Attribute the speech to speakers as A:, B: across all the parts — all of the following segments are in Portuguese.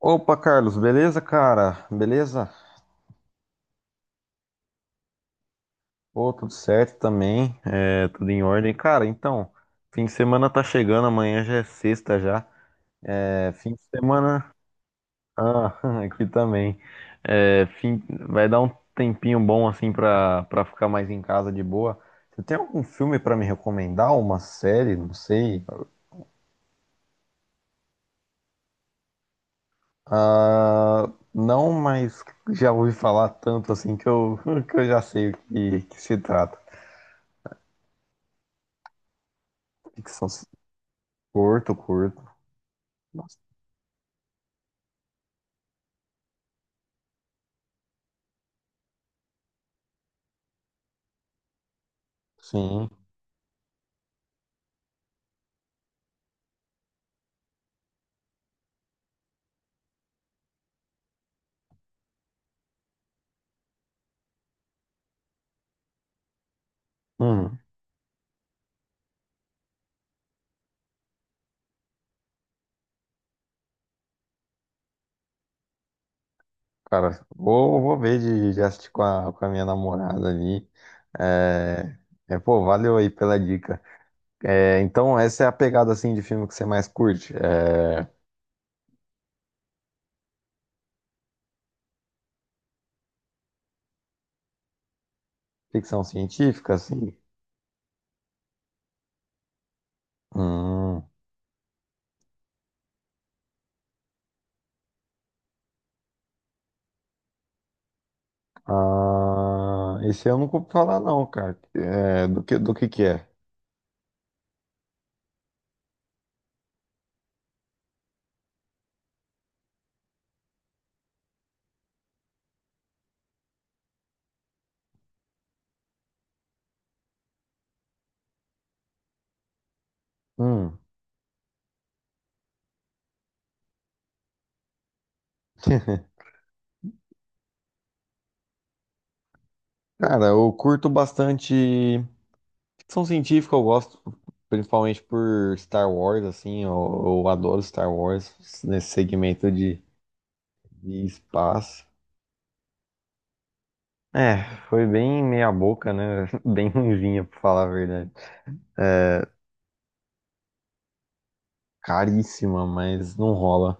A: Opa, Carlos, beleza, cara? Beleza? Pô, tudo certo também, é, tudo em ordem. Cara, então, fim de semana tá chegando, amanhã já é sexta já. É, fim de semana, ah, aqui também. É, fim... Vai dar um tempinho bom, assim, pra ficar mais em casa de boa. Você tem algum filme pra me recomendar? Uma série? Não sei. Ah, não, mas já ouvi falar tanto, assim, que eu, que eu já sei o que, que se trata. Ficção, curto, curto. Nossa. Sim. Hum, cara, vou, vou ver de assistir com a minha namorada ali. É, é, pô, valeu aí pela dica. É, então, essa é a pegada, assim, de filme que você mais curte? É ficção científica, assim? Hum, ah, esse eu nunca ouvi falar, não, cara. É, do que é? Hum. Cara, eu curto bastante. Ficção científica eu gosto, principalmente por Star Wars, assim, eu adoro Star Wars nesse segmento de espaço. É, foi bem meia boca, né? Bem ruimzinha, pra falar a verdade. É, caríssima, mas não rola.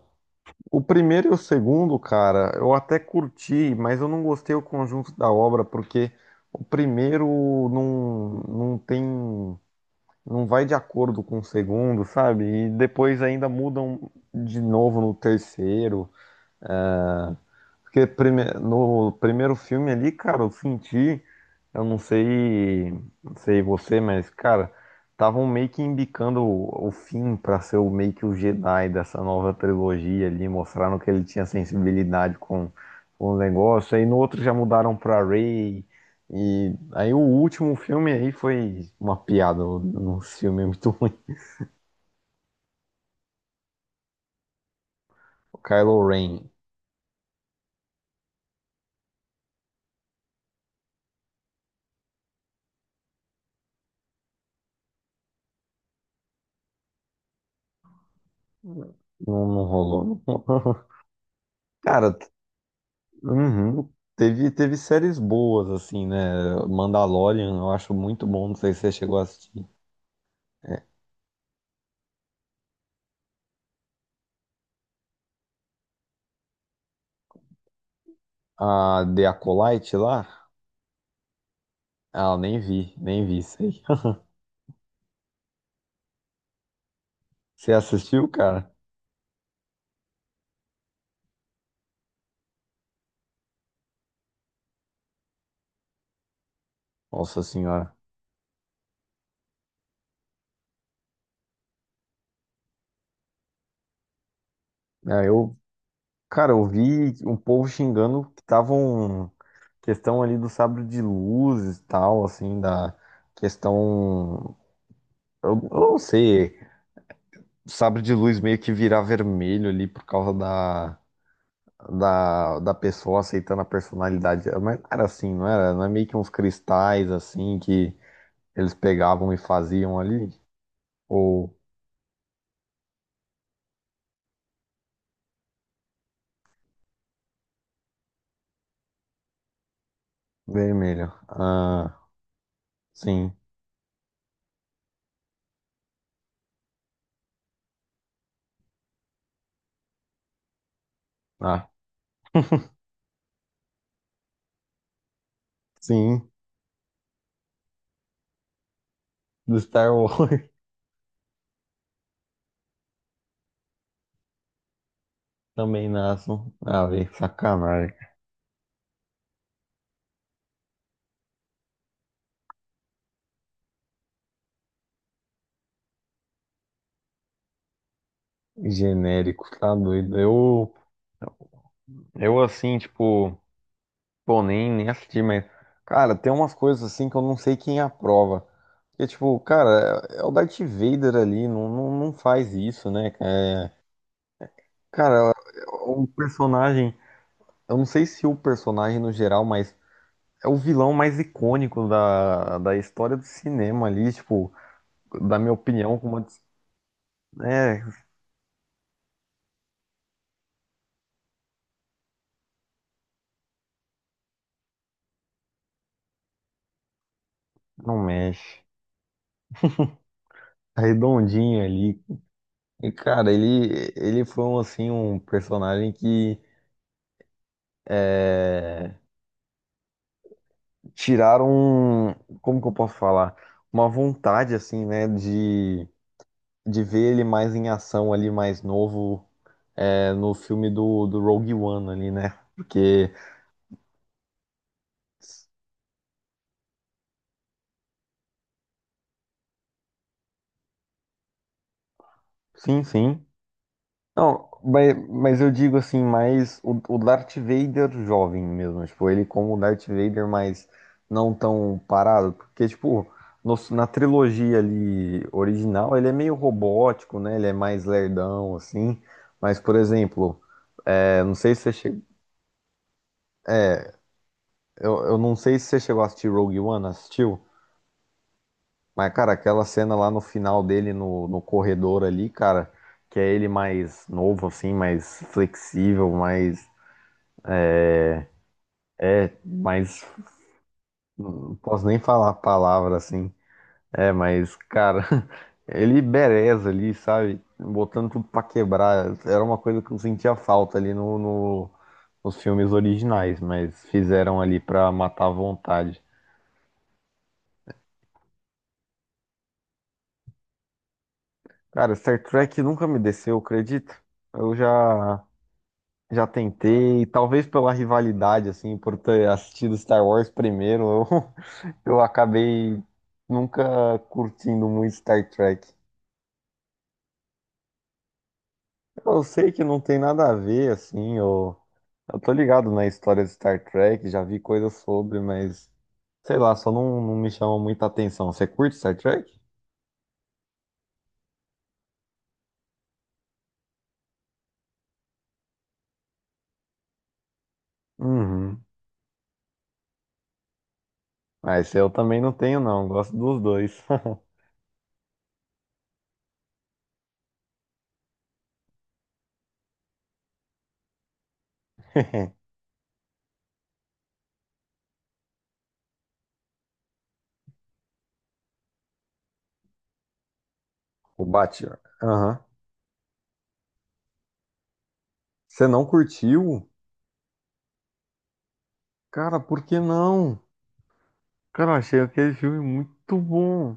A: O primeiro e o segundo, cara, eu até curti, mas eu não gostei o conjunto da obra, porque o primeiro não tem não vai de acordo com o segundo, sabe? E depois ainda mudam de novo no terceiro. Porque no primeiro filme ali, cara, eu senti, eu não sei, não sei você, mas, cara, estavam meio que embicando o Finn pra ser o, meio que o Jedi dessa nova trilogia ali, mostraram que ele tinha sensibilidade com o negócio. Aí no outro já mudaram pra Rey. E aí o último filme aí foi uma piada, um filme muito ruim. O Kylo Ren. Não, não rolou. Cara, uhum. Teve séries boas, assim, né? Mandalorian, eu acho muito bom. Não sei se você chegou a assistir. É, a The Acolyte lá? Ah, nem vi isso aí. Você assistiu, cara? Nossa senhora. É, eu, cara, eu vi um povo xingando que tava um questão ali do sabre de luz e tal, assim, da questão. Eu não sei, sabre de luz meio que virar vermelho ali por causa da, da, da pessoa aceitando a personalidade dela. Mas não era assim, não era? Não é meio que uns cristais assim que eles pegavam e faziam ali? Ou vermelho? Ah, sim. Ah, sim. Do Star Wars também nasçam. Ah, velho, sacanagem. Genérico, tá doido. Eu assim, tipo. Pô, nem assisti, mas. Cara, tem umas coisas assim que eu não sei quem aprova. Porque, tipo, cara, é o Darth Vader ali, não, não, não faz isso, né? É, cara, o personagem. Eu não sei se o personagem no geral, mas é o vilão mais icônico da, da história do cinema ali, tipo, da minha opinião, como uma. É, não mexe. É redondinho ali. E, cara, ele foi um, assim, um personagem que é, tiraram, como que eu posso falar? Uma vontade, assim, né, de ver ele mais em ação ali, mais novo, é, no filme do, do Rogue One ali, né? Porque, sim, sim. Não, mas eu digo assim, mais o Darth Vader jovem mesmo, tipo, ele como o Darth Vader, mas não tão parado, porque, tipo, na trilogia ali original, ele é meio robótico, né? Ele é mais lerdão, assim. Mas, por exemplo, eu não sei se você chegou eu não sei se você chegou a assistir Rogue One, assistiu? Mas, cara, aquela cena lá no final dele, no, no corredor ali, cara, que é ele mais novo, assim, mais flexível, mais. Mais. Não posso nem falar a palavra assim. É, mas, cara, ele bereza ali, sabe? Botando tudo pra quebrar. Era uma coisa que eu sentia falta ali no, nos filmes originais, mas fizeram ali pra matar a vontade. Cara, Star Trek nunca me desceu, acredito. Eu já tentei, talvez pela rivalidade, assim, por ter assistido Star Wars primeiro, eu, eu acabei nunca curtindo muito Star Trek. Eu sei que não tem nada a ver, assim, eu tô ligado na história de Star Trek, já vi coisas sobre, mas sei lá, só não, não me chama muita atenção. Você curte Star Trek? Uhum. Mas eu também não tenho, não, gosto dos dois. O Batman. Aham. Você não curtiu? Cara, por que não? Cara, eu achei aquele filme muito bom.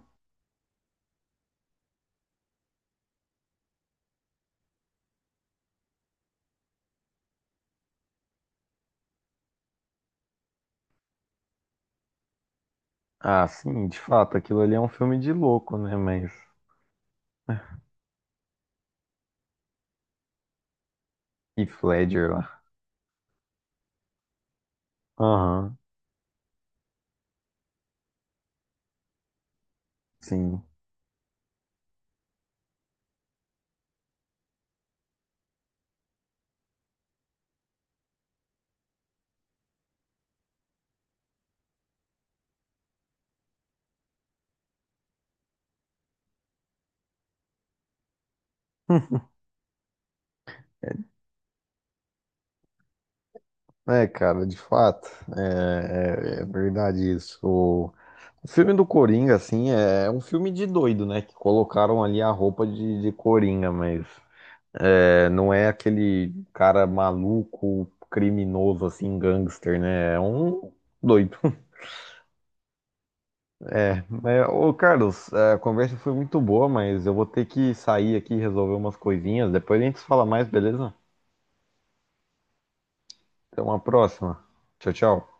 A: Ah, sim, de fato, aquilo ali é um filme de louco, né? Mas. Heath Ledger lá. Aham, sim. É, cara, de fato, é, é verdade isso. O filme do Coringa, assim, é um filme de doido, né? Que colocaram ali a roupa de Coringa, mas é, não é aquele cara maluco, criminoso, assim, gangster, né? É um doido. É, mas, ô Carlos, a conversa foi muito boa, mas eu vou ter que sair aqui e resolver umas coisinhas. Depois a gente fala mais, beleza? Até uma próxima. Tchau, tchau.